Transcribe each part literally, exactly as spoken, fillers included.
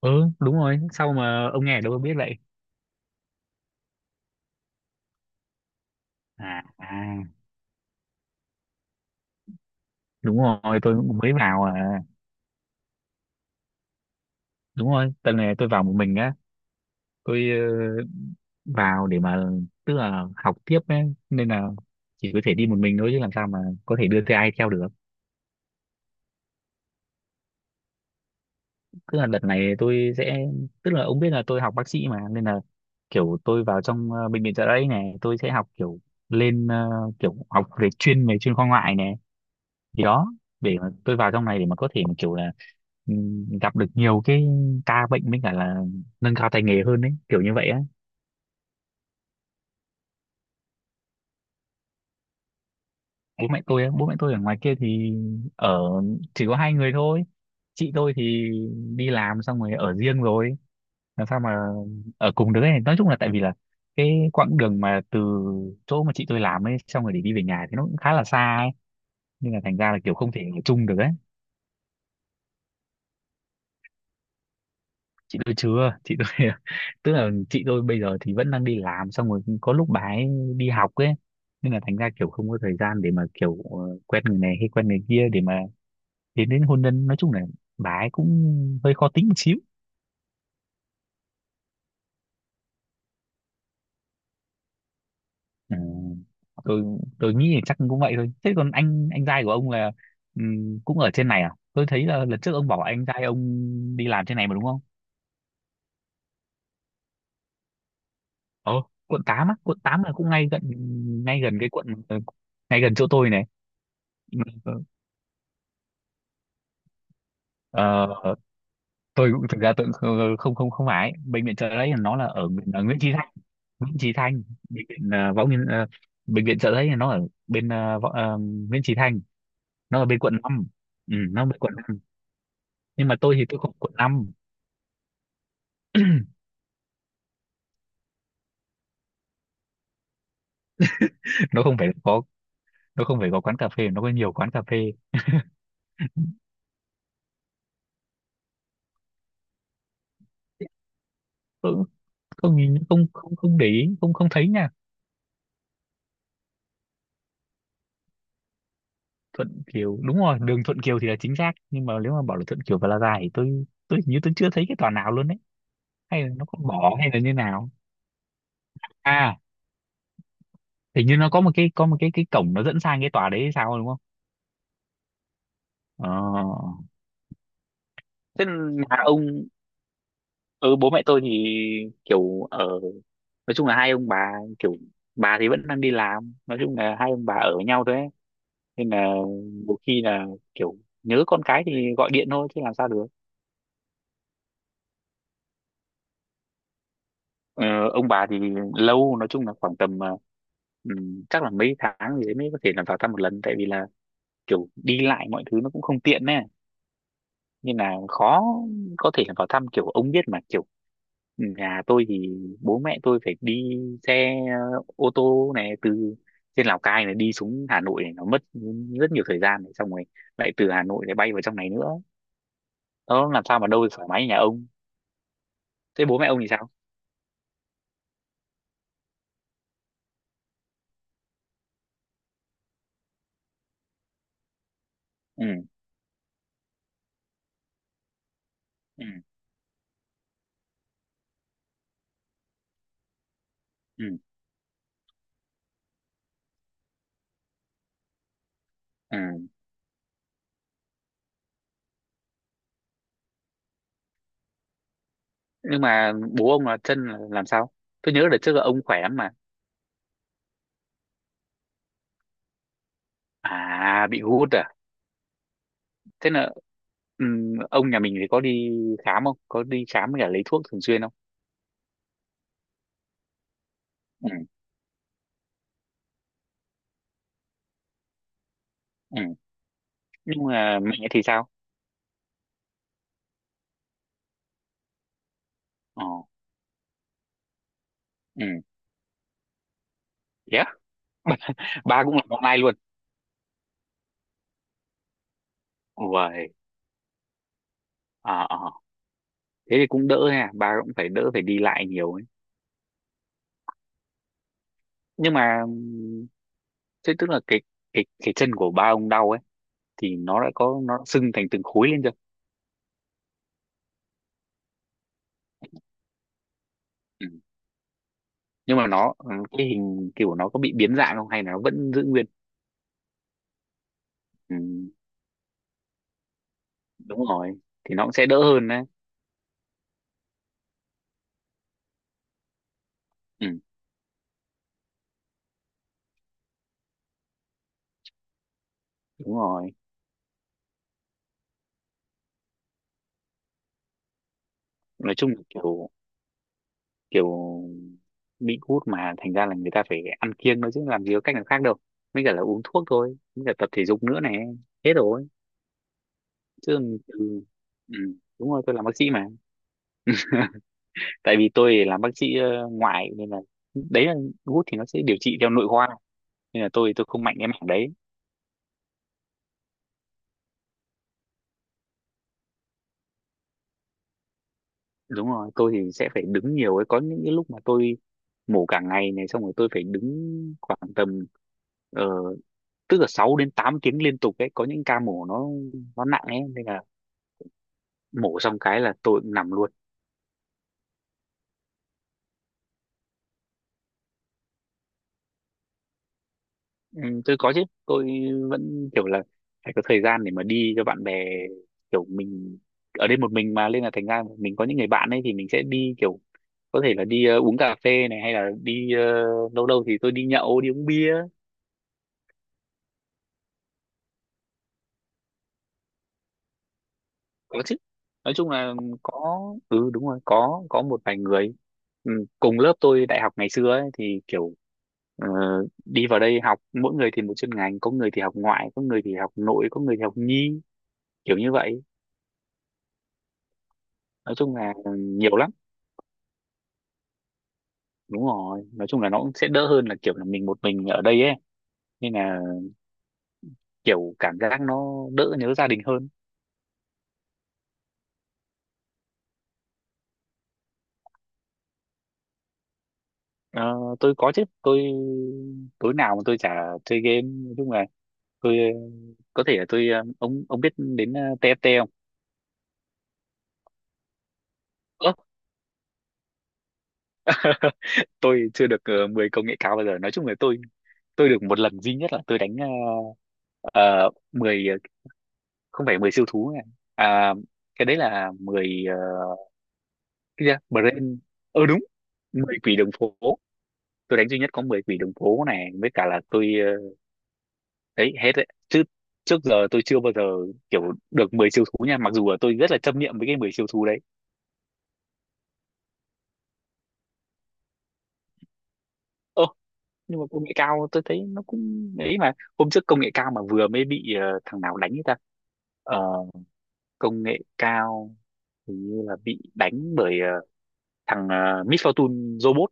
ừ đúng rồi, sau mà ông nghe ở đâu tôi biết vậy? À, à, đúng rồi, tôi cũng mới vào. À đúng rồi, tuần này tôi vào một mình á. Tôi ờ, vào để mà, tức là học tiếp ấy, nên là chỉ có thể đi một mình thôi, chứ làm sao mà có thể đưa theo ai theo được. Tức là đợt này tôi sẽ, tức là ông biết là tôi học bác sĩ mà, nên là kiểu tôi vào trong ờ, bệnh viện Chợ Rẫy này, tôi sẽ học kiểu lên ờ, kiểu học về chuyên, về chuyên khoa ngoại này. Thì đó, để mà tôi vào trong này để mà có thể mà kiểu là ừm, gặp được nhiều cái ca bệnh, với cả là nâng cao tay nghề hơn đấy, kiểu như vậy á. Bố mẹ tôi á, bố mẹ tôi ở ngoài kia thì ở, chỉ có hai người thôi. Chị tôi thì đi làm xong rồi ở riêng rồi, làm sao mà ở cùng được ấy. Nói chung là tại vì là cái quãng đường mà từ chỗ mà chị tôi làm ấy, xong rồi để đi về nhà thì nó cũng khá là xa ấy, nên là thành ra là kiểu không thể ở chung được ấy. Chị tôi chưa, chị tôi tức là chị tôi bây giờ thì vẫn đang đi làm, xong rồi có lúc bà ấy đi học ấy, nên là thành ra kiểu không có thời gian để mà kiểu ờ, quen người này hay quen người kia để mà đến, đến hôn nhân. Nói chung là bà ấy cũng hơi khó tính một xíu. Ừ. tôi tôi nghĩ là chắc cũng vậy thôi. Thế còn anh anh trai của ông là ừm, cũng ở trên này à? Tôi thấy là lần trước ông bảo anh trai ông đi làm trên này mà đúng không? Ờ, quận tám á, quận tám là cũng ngay gần, ngay gần cái quận ờ, ngay gần chỗ tôi này. Ờ, tôi cũng, thực ra tôi cũng không không không không phải bệnh viện chợ đấy, nó là ở, ở Nguyễn Chí Thanh. Nguyễn Chí Thanh, bệnh viện ờ, Võ Nguyên ờ, bệnh viện chợ đấy nó ở bên ờ, Võ, ờ, Nguyễn Chí Thanh. Nó ở bên quận năm. Ừ, nó ở bên quận năm. Nhưng mà tôi thì tôi không quận năm. Nó không phải có, nó không phải có quán cà phê, nó có nhiều quán cà phê. Tôi cũng không nhìn, không không không để ý, không không thấy nha. Thuận Kiều, đúng rồi, đường Thuận Kiều thì là chính xác, nhưng mà nếu mà bảo là Thuận Kiều Plaza thì tôi tôi hình như tôi chưa thấy cái tòa nào luôn đấy. Hay là nó có bỏ hay là như nào? À hình như nó có một cái, có một cái cái cổng nó dẫn sang cái tòa đấy hay sao đúng không? Ờ, thế nhà ông, ừ, bố mẹ tôi thì kiểu ở, nói chung là hai ông bà, kiểu bà thì vẫn đang đi làm, nói chung là hai ông bà ở với nhau thôi ấy. Nên là một khi là kiểu nhớ con cái thì gọi điện thôi chứ làm sao được. Ờ, ông bà thì lâu, nói chung là khoảng tầm ờ, ừm, chắc là mấy tháng gì đấy mới có thể là vào thăm một lần, tại vì là kiểu đi lại mọi thứ nó cũng không tiện nè. Nên là khó có thể là vào thăm, kiểu ông biết mà, kiểu ừ, nhà tôi thì bố mẹ tôi phải đi xe ờ, ô tô này từ trên Lào Cai này đi xuống Hà Nội này, nó mất rất nhiều thời gian này, xong rồi lại từ Hà Nội lại bay vào trong này nữa, nó làm sao mà đâu được thoải mái như nhà ông. Thế bố mẹ ông thì sao? Ừ. Ừ. Ừ. Ừ. Nhưng mà bố ông là chân là làm sao? Tôi nhớ đợt trước là ông khỏe lắm mà. À bị gút à? Thế là ừ, ông nhà mình thì có đi khám không, có đi khám với cả lấy thuốc thường xuyên không? Ừ. Ừ. Nhưng mà mẹ thì sao? Ờ. Ừ. Yeah. Ba cũng làm online luôn? Uầy. Ờ, ờ, thế thì cũng đỡ ha, ba cũng phải đỡ phải đi lại nhiều ấy. Nhưng mà ừm, thế tức là cái, cái cái chân của ba ông đau ấy, thì nó đã có, nó đã sưng thành từng khối lên chưa? Ừ. Nhưng mà nó ừ, cái hình kiểu nó có bị biến dạng không hay là nó vẫn giữ nguyên? Ừ. Đúng rồi, thì nó cũng sẽ đỡ hơn đấy. Ừ. Đúng rồi, nói chung là kiểu, kiểu bị gút mà, thành ra là người ta phải ăn kiêng nữa chứ làm gì có cách nào khác đâu, mới cả là uống thuốc thôi, mới cả tập thể dục nữa này. Hết rồi. Chứ ừ, ừ, đúng rồi, tôi làm bác sĩ mà. Tại vì tôi làm bác sĩ ờ, ngoại nên là đấy là, gút thì nó sẽ điều trị theo nội khoa, nên là tôi tôi không mạnh cái mảng đấy. Đúng rồi tôi thì sẽ phải đứng nhiều ấy, có những cái lúc mà tôi mổ cả ngày này, xong rồi tôi phải đứng khoảng tầm ờ, tức là sáu đến tám tiếng liên tục ấy, có những ca mổ nó nó nặng ấy, nên là mổ xong cái là tôi cũng nằm luôn. Ừ, tôi có chứ, tôi vẫn kiểu là phải có thời gian để mà đi cho bạn bè, kiểu mình ở đây một mình mà, nên là thành ra mình có những người bạn ấy thì mình sẽ đi kiểu, có thể là đi ờ, uống cà phê này, hay là đi ờ, lâu lâu thì tôi đi nhậu đi uống bia. Có chứ, nói chung là có. Ừ đúng rồi, có có một vài người, ừ, cùng lớp tôi đại học ngày xưa ấy, thì kiểu ờ, đi vào đây học, mỗi người thì một chuyên ngành, có người thì học ngoại, có người thì học nội, có người thì học nhi, kiểu như vậy. Nói chung là nhiều lắm. Đúng rồi nói chung là nó cũng sẽ đỡ hơn là kiểu là mình một mình ở đây ấy. Nên là kiểu cảm giác nó đỡ nhớ gia đình hơn. Ờ, tôi có chứ, tôi tối nào mà tôi chả chơi game. Nói chung là tôi ờ, có thể là tôi ờ, ông ông biết đến ờ, tê ép tê không? Ơ, tôi chưa được uh, mười công nghệ cao bao giờ. Nói chung là tôi tôi được một lần duy nhất là tôi đánh uh, mười ờ, không phải mười siêu thú này. À cái đấy là mười ờ, cái gì đó? Brain. Ờ đúng, mười quỷ đường phố. Tôi đánh duy nhất có mười quỷ đường phố này, với cả là tôi ờ, đấy hết đấy. Chứ trước giờ tôi chưa bao giờ kiểu được mười siêu thú nha, mặc dù là tôi rất là chấp niệm với cái mười siêu thú đấy. Nhưng mà công nghệ cao tôi thấy nó cũng ấy mà, hôm trước công nghệ cao mà vừa mới bị ờ, thằng nào đánh ấy ta. Ờ, công nghệ cao hình như là bị đánh bởi ờ, thằng uh, Miss Fortune robot.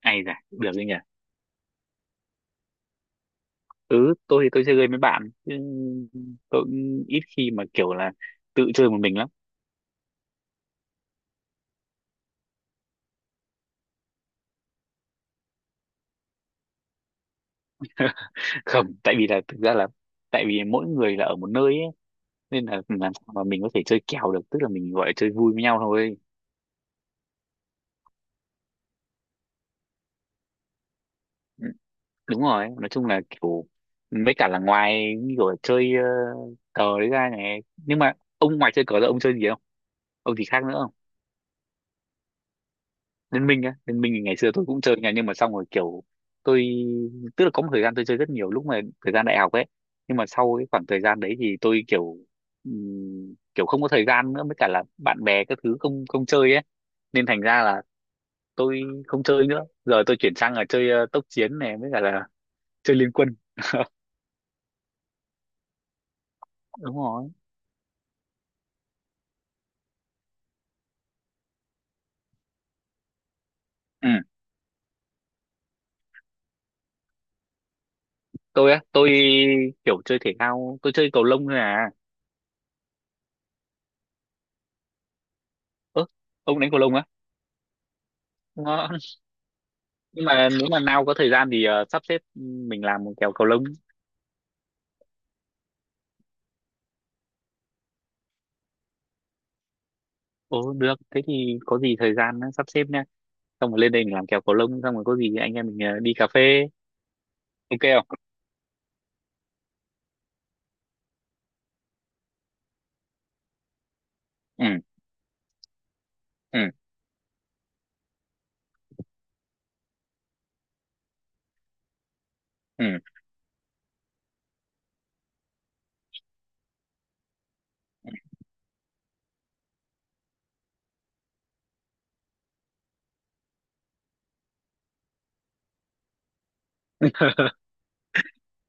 Ai dạ được gì nhỉ. Ừ tôi thì tôi chơi game với bạn chứ, tôi cũng ít khi mà kiểu là tự chơi một mình lắm. Không tại vì là thực ra là, tại vì mỗi người là ở một nơi ấy, nên là làm sao mà mình có thể chơi kèo được, tức là mình gọi là chơi vui với nhau thôi. Ừ. Đúng rồi nói chung là kiểu, mấy cả là ngoài như kiểu là chơi ờ, cờ đấy ra này, nhưng mà ông ngoài chơi cờ ra ông chơi gì không, ông gì khác nữa không? Liên minh á, Liên minh thì ngày xưa tôi cũng chơi nha, nhưng mà xong rồi kiểu tôi, tức là có một thời gian tôi chơi rất nhiều lúc mà thời gian đại học ấy, nhưng mà sau cái khoảng thời gian đấy thì tôi kiểu ừm, kiểu không có thời gian nữa, với cả là bạn bè các thứ không không chơi ấy. Nên thành ra là tôi không chơi nữa, giờ tôi chuyển sang là chơi ờ, tốc chiến này với cả là chơi liên quân. Đúng rồi, tôi á tôi kiểu chơi thể thao, tôi chơi cầu lông thôi à. Ơ ông đánh cầu lông á? Ngon. Nhưng mà nếu mà nào có thời gian thì ờ, sắp xếp mình làm một kèo cầu lông. Ồ được, thế thì có gì thời gian á, sắp xếp nha, xong rồi lên đây mình làm kèo cầu lông, xong rồi có gì anh em mình ờ, đi cà phê. Ok không? Ừ, ừ, ừ,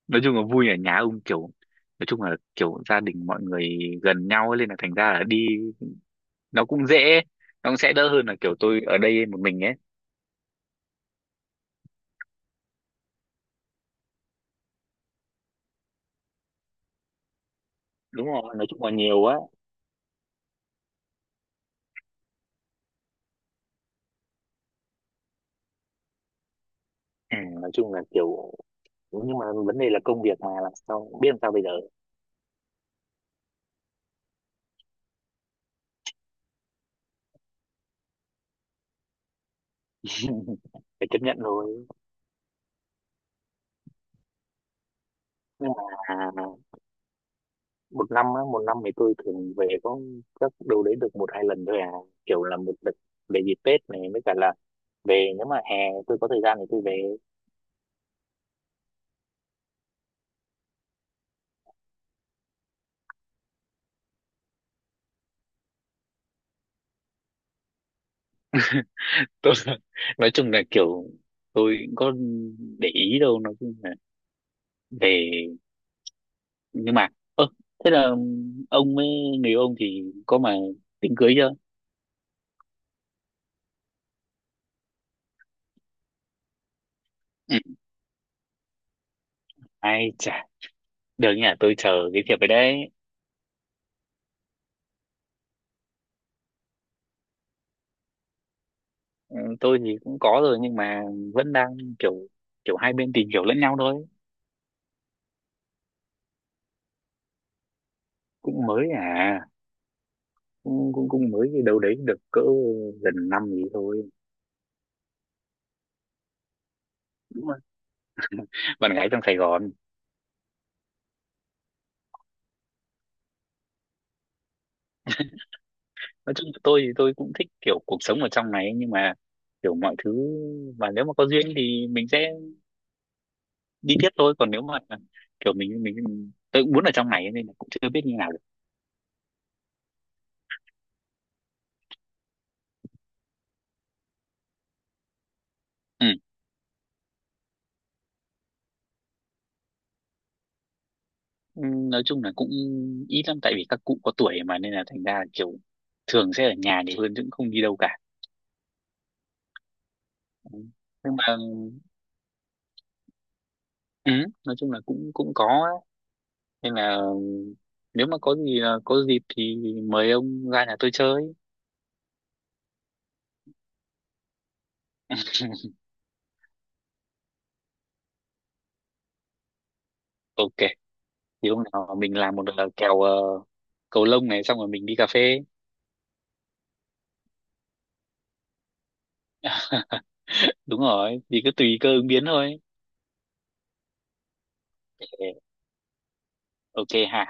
nói chung là vui ở nhà ông kiểu, nói chung là kiểu gia đình mọi người gần nhau ấy, nên là thành ra là đi nó cũng dễ, nó cũng sẽ đỡ hơn là kiểu tôi ở đây một mình ấy. Đúng rồi nói chung là nhiều á. Ừ, nói chung là kiểu, nhưng mà vấn đề là công việc mà, làm sao biết làm sao bây giờ. Phải chấp nhận thôi. Nhưng mà à, một năm á, một năm thì tôi thường về có các đâu đấy được một hai lần thôi à, kiểu là một đợt về dịp Tết này, với cả là về nếu mà hè tôi có thời gian thì tôi về. Tôi nói chung là kiểu tôi cũng có để ý đâu, nói chung là về, nhưng mà ơ thế là ông với người yêu ông thì có mà tính cưới chưa? Ừ. Ai chả, được nhỉ, tôi chờ cái việc về đấy. Ừ, tôi thì cũng có rồi nhưng mà vẫn đang kiểu, kiểu hai bên tìm hiểu lẫn nhau thôi. Cũng mới à, cũng cũng, cũng mới, cái đâu đấy được cỡ gần năm gì thôi. Đúng rồi. Bạn gái trong Sài Gòn. Nói chung tôi thì tôi cũng thích kiểu cuộc sống ở trong này, nhưng mà kiểu mọi thứ, và nếu mà có duyên thì mình sẽ đi tiếp thôi. Còn nếu mà kiểu mình mình tôi cũng muốn ở trong này, nên là cũng chưa biết như nào được. Ừ. Ừ, nói chung là cũng ít lắm, tại vì các cụ có tuổi mà, nên là thành ra kiểu thường sẽ ở nhà nhiều hơn chứ cũng không đi đâu cả. Ừ. Nhưng mà ừ, nói chung là cũng cũng có ấy. Nên là nếu mà có gì ờ, có dịp thì mời ông ra nhà tôi chơi. Ok, thì hôm nào mình làm một ờ, kèo ờ, cầu lông này xong rồi mình đi cà phê. Đúng rồi thì cứ tùy cơ ứng biến thôi. Ok. Ok ha.